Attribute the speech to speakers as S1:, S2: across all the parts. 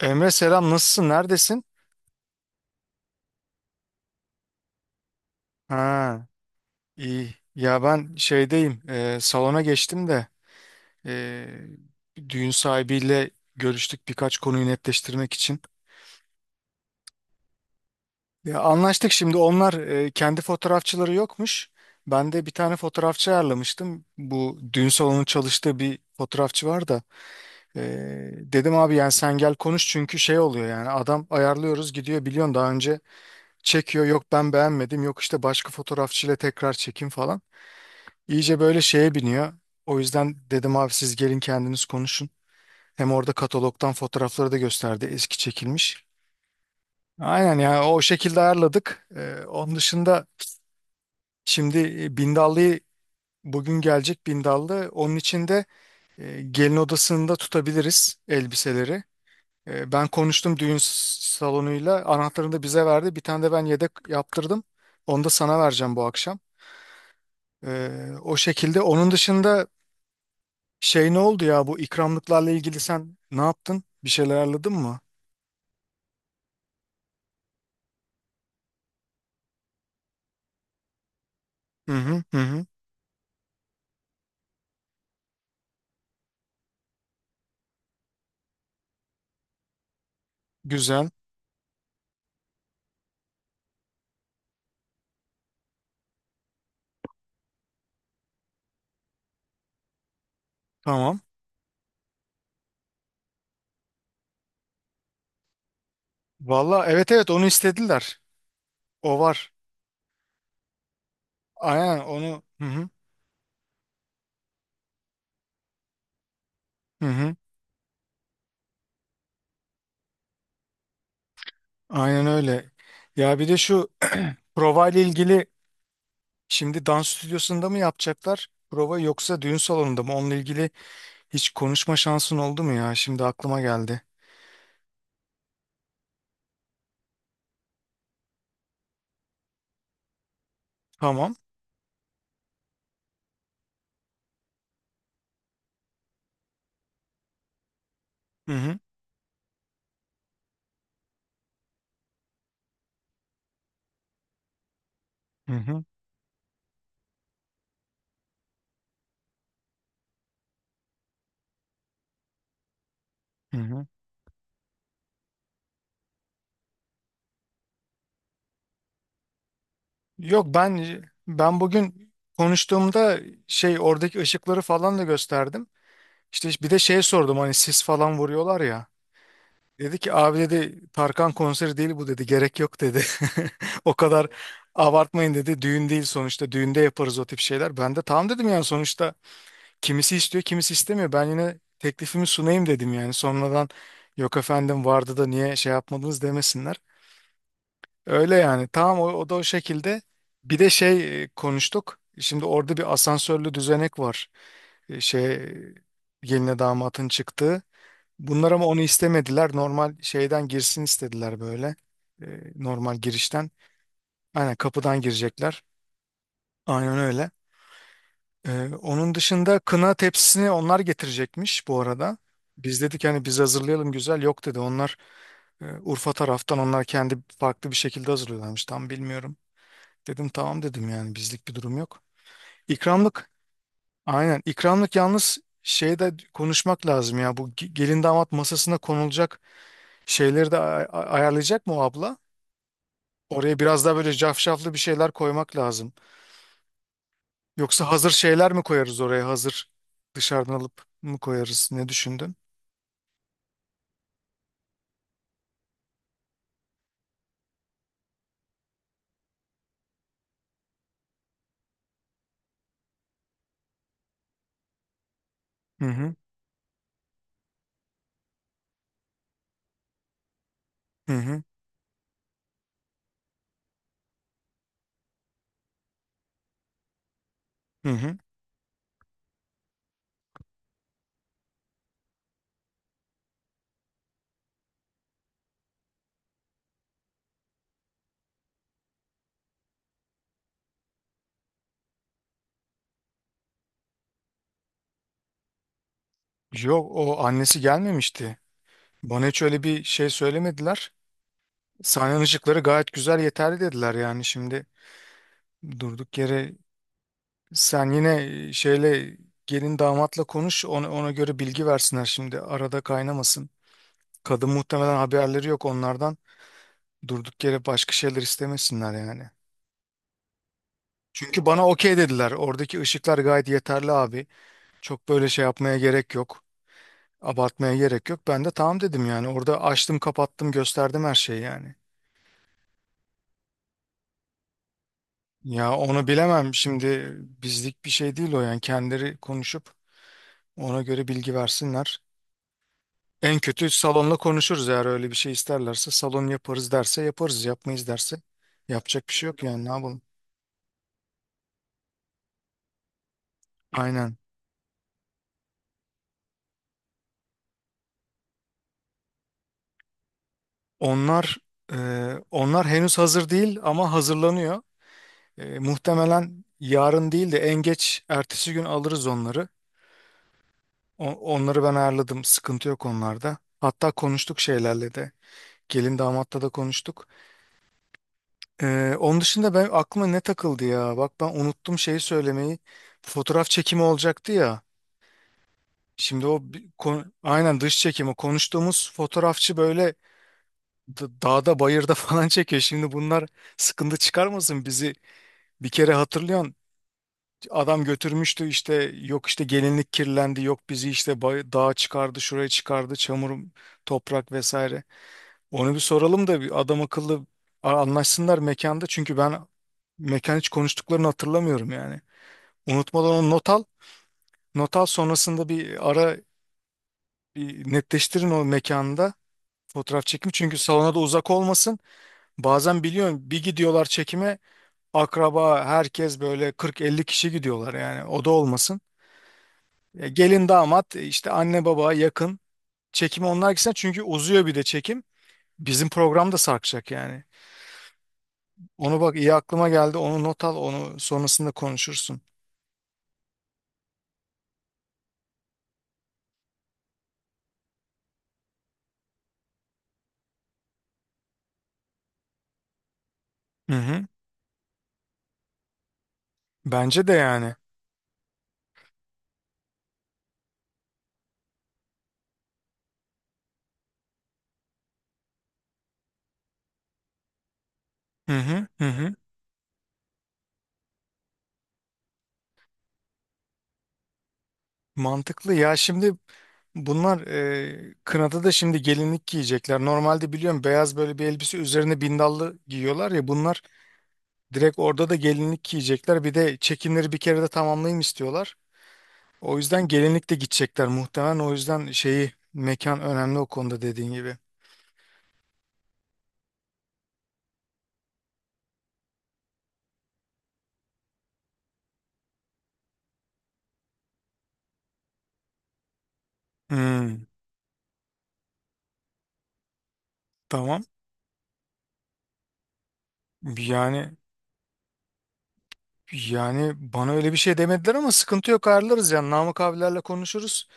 S1: Emre selam, nasılsın, neredesin? Ha, iyi ya, ben şeydeyim, salona geçtim de e, düğün sahibiyle görüştük birkaç konuyu netleştirmek için. Ya, anlaştık, şimdi onlar kendi fotoğrafçıları yokmuş. Ben de bir tane fotoğrafçı ayarlamıştım. Bu düğün salonunun çalıştığı bir fotoğrafçı var da e, dedim abi yani sen gel konuş, çünkü şey oluyor yani, adam ayarlıyoruz gidiyor, biliyorsun daha önce çekiyor, yok ben beğenmedim, yok işte başka fotoğrafçıyla tekrar çekim falan. İyice böyle şeye biniyor. O yüzden dedim abi siz gelin kendiniz konuşun. Hem orada katalogdan fotoğrafları da gösterdi, eski çekilmiş. Aynen, yani o şekilde ayarladık. Onun dışında şimdi Bindallı'yı bugün gelecek Bindallı. Onun için de gelin odasında tutabiliriz elbiseleri. E, ben konuştum düğün salonuyla. Anahtarını da bize verdi. Bir tane de ben yedek yaptırdım. Onu da sana vereceğim bu akşam. E, o şekilde. Onun dışında şey, ne oldu ya, bu ikramlıklarla ilgili sen ne yaptın? Bir şeyler ayarladın mı? Hı hı, hı hı. Güzel. Tamam. Valla evet, evet, onu istediler. O var. Aynen onu. Hı hı, hı hı. Aynen öyle. Ya bir de şu prova ile ilgili şimdi dans stüdyosunda mı yapacaklar prova, yoksa düğün salonunda mı? Onunla ilgili hiç konuşma şansın oldu mu ya? Şimdi aklıma geldi. Tamam. Hı hı, hı hı. Hı hı. Yok, ben bugün konuştuğumda şey, oradaki ışıkları falan da gösterdim. İşte bir de şey sordum, hani sis falan vuruyorlar ya. Dedi ki abi dedi, Tarkan konseri değil bu dedi, gerek yok dedi. O kadar abartmayın dedi, düğün değil sonuçta, düğünde yaparız o tip şeyler. Ben de tamam dedim yani, sonuçta kimisi istiyor kimisi istemiyor. Ben yine teklifimi sunayım dedim, yani sonradan yok efendim vardı da niye şey yapmadınız demesinler. Öyle yani. Tamam, o, o da o şekilde. Bir de şey, konuştuk. Şimdi orada bir asansörlü düzenek var. E, şey, geline damatın çıktığı. Bunlar ama onu istemediler. Normal şeyden girsin istediler böyle. E, normal girişten. Aynen kapıdan girecekler. Aynen öyle. E, onun dışında kına tepsisini onlar getirecekmiş bu arada. Biz dedik hani biz hazırlayalım güzel. Yok dedi, onlar Urfa taraftan onlar kendi farklı bir şekilde hazırlıyorlarmış. Tam bilmiyorum. Dedim tamam dedim, yani bizlik bir durum yok. İkramlık. Aynen. İkramlık yalnız şeyde konuşmak lazım ya. Bu gelin damat masasına konulacak şeyleri de ayarlayacak mı o abla? Oraya biraz daha böyle cafcaflı bir şeyler koymak lazım. Yoksa hazır şeyler mi koyarız oraya? Hazır dışarıdan alıp mı koyarız? Ne düşündün? Hı hı. Hı hı. Hı hı. Yok, o annesi gelmemişti. Bana hiç öyle bir şey söylemediler. Sahne ışıkları gayet güzel, yeterli dediler yani. Şimdi durduk yere, sen yine şeyle, gelin damatla konuş, ona, ona göre bilgi versinler, şimdi arada kaynamasın. Kadın muhtemelen, haberleri yok onlardan. Durduk yere başka şeyler istemesinler yani. Çünkü bana okey dediler. Oradaki ışıklar gayet yeterli abi. Çok böyle şey yapmaya gerek yok. Abartmaya gerek yok. Ben de tamam dedim yani. Orada açtım, kapattım, gösterdim her şeyi yani. Ya onu bilemem şimdi, bizlik bir şey değil o yani. Kendileri konuşup ona göre bilgi versinler. En kötü salonla konuşuruz eğer öyle bir şey isterlerse. Salon yaparız derse yaparız. Yapmayız derse yapacak bir şey yok yani, ne yapalım. Aynen. Onlar e, onlar henüz hazır değil ama hazırlanıyor. E, muhtemelen yarın değil de en geç ertesi gün alırız onları. O- onları ben ayarladım. Sıkıntı yok onlarda. Hatta konuştuk şeylerle de. Gelin damatla da konuştuk. E, onun dışında ben, aklıma ne takıldı ya? Bak ben unuttum şeyi söylemeyi. Fotoğraf çekimi olacaktı ya. Şimdi o aynen dış çekimi konuştuğumuz fotoğrafçı böyle dağda bayırda falan çekiyor. Şimdi bunlar sıkıntı çıkarmasın bizi, bir kere hatırlıyorsun. Adam götürmüştü işte, yok işte gelinlik kirlendi, yok bizi işte bay, dağa çıkardı, şuraya çıkardı, çamur, toprak vesaire. Onu bir soralım da bir adam akıllı anlaşsınlar mekanda, çünkü ben mekan hiç konuştuklarını hatırlamıyorum yani. Unutmadan onu not al. Not al, sonrasında bir ara bir netleştirin o mekanda. Fotoğraf çekimi çünkü salona da uzak olmasın. Bazen biliyorum bir gidiyorlar çekime, akraba herkes böyle 40-50 kişi gidiyorlar yani, o da olmasın. E, gelin damat işte anne baba, yakın çekime onlar gitsin, çünkü uzuyor bir de çekim. Bizim program da sarkacak yani. Onu bak, iyi aklıma geldi, onu not al, onu sonrasında konuşursun. Hı hı. Bence de yani. Hı hı, hı hı. Mantıklı ya. Şimdi bunlar kınada da şimdi gelinlik giyecekler. Normalde biliyorum beyaz böyle bir elbise üzerine bindallı giyiyorlar ya, bunlar direkt orada da gelinlik giyecekler. Bir de çekimleri bir kere de tamamlayayım istiyorlar. O yüzden gelinlik de gidecekler muhtemelen. O yüzden şeyi, mekan önemli o konuda dediğin gibi. Hmm, tamam. Yani yani bana öyle bir şey demediler ama sıkıntı yok, ayarlarız yani. Namık abilerle konuşuruz.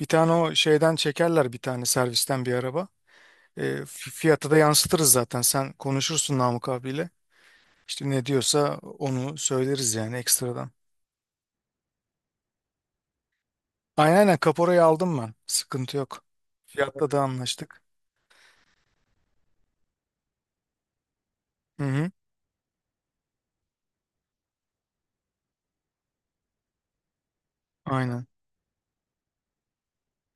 S1: Bir tane o şeyden çekerler, bir tane servisten bir araba. E, fiyatı da yansıtırız zaten. Sen konuşursun Namık abiyle. İşte ne diyorsa onu söyleriz yani, ekstradan. Aynen, kaporayı aldım ben. Sıkıntı yok. Fiyatta da anlaştık. Hı hı. Aynen.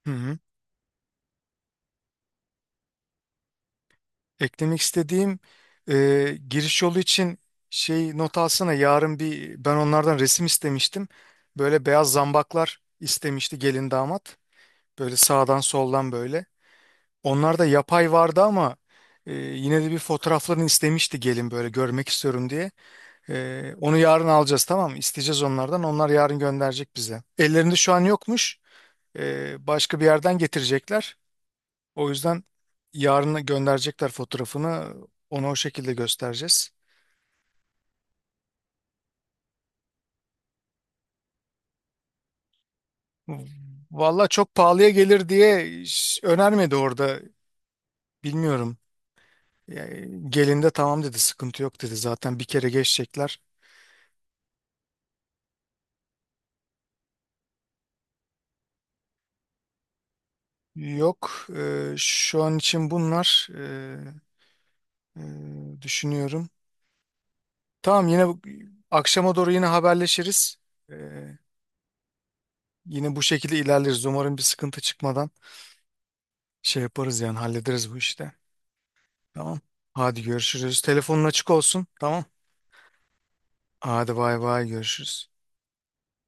S1: Hı hı. Eklemek istediğim, giriş yolu için şey, not alsana, yarın bir ben onlardan resim istemiştim. Böyle beyaz zambaklar istemişti gelin damat. Böyle sağdan soldan böyle. Onlarda yapay vardı ama yine de bir fotoğraflarını istemişti gelin, böyle görmek istiyorum diye. E, onu yarın alacağız, tamam mı? İsteyeceğiz onlardan. Onlar yarın gönderecek bize. Ellerinde şu an yokmuş. E, başka bir yerden getirecekler. O yüzden yarın gönderecekler fotoğrafını. Ona o şekilde göstereceğiz. Valla çok pahalıya gelir diye hiç önermedi orada. Bilmiyorum. Yani gelin de tamam dedi, sıkıntı yok dedi, zaten bir kere geçecekler. Yok. Şu an için bunlar, düşünüyorum. Tamam, yine akşama doğru yine haberleşiriz. E, yine bu şekilde ilerleriz. Umarım bir sıkıntı çıkmadan şey yaparız yani, hallederiz bu işte. Tamam. Hadi görüşürüz. Telefonun açık olsun. Tamam. Hadi bay bay, görüşürüz.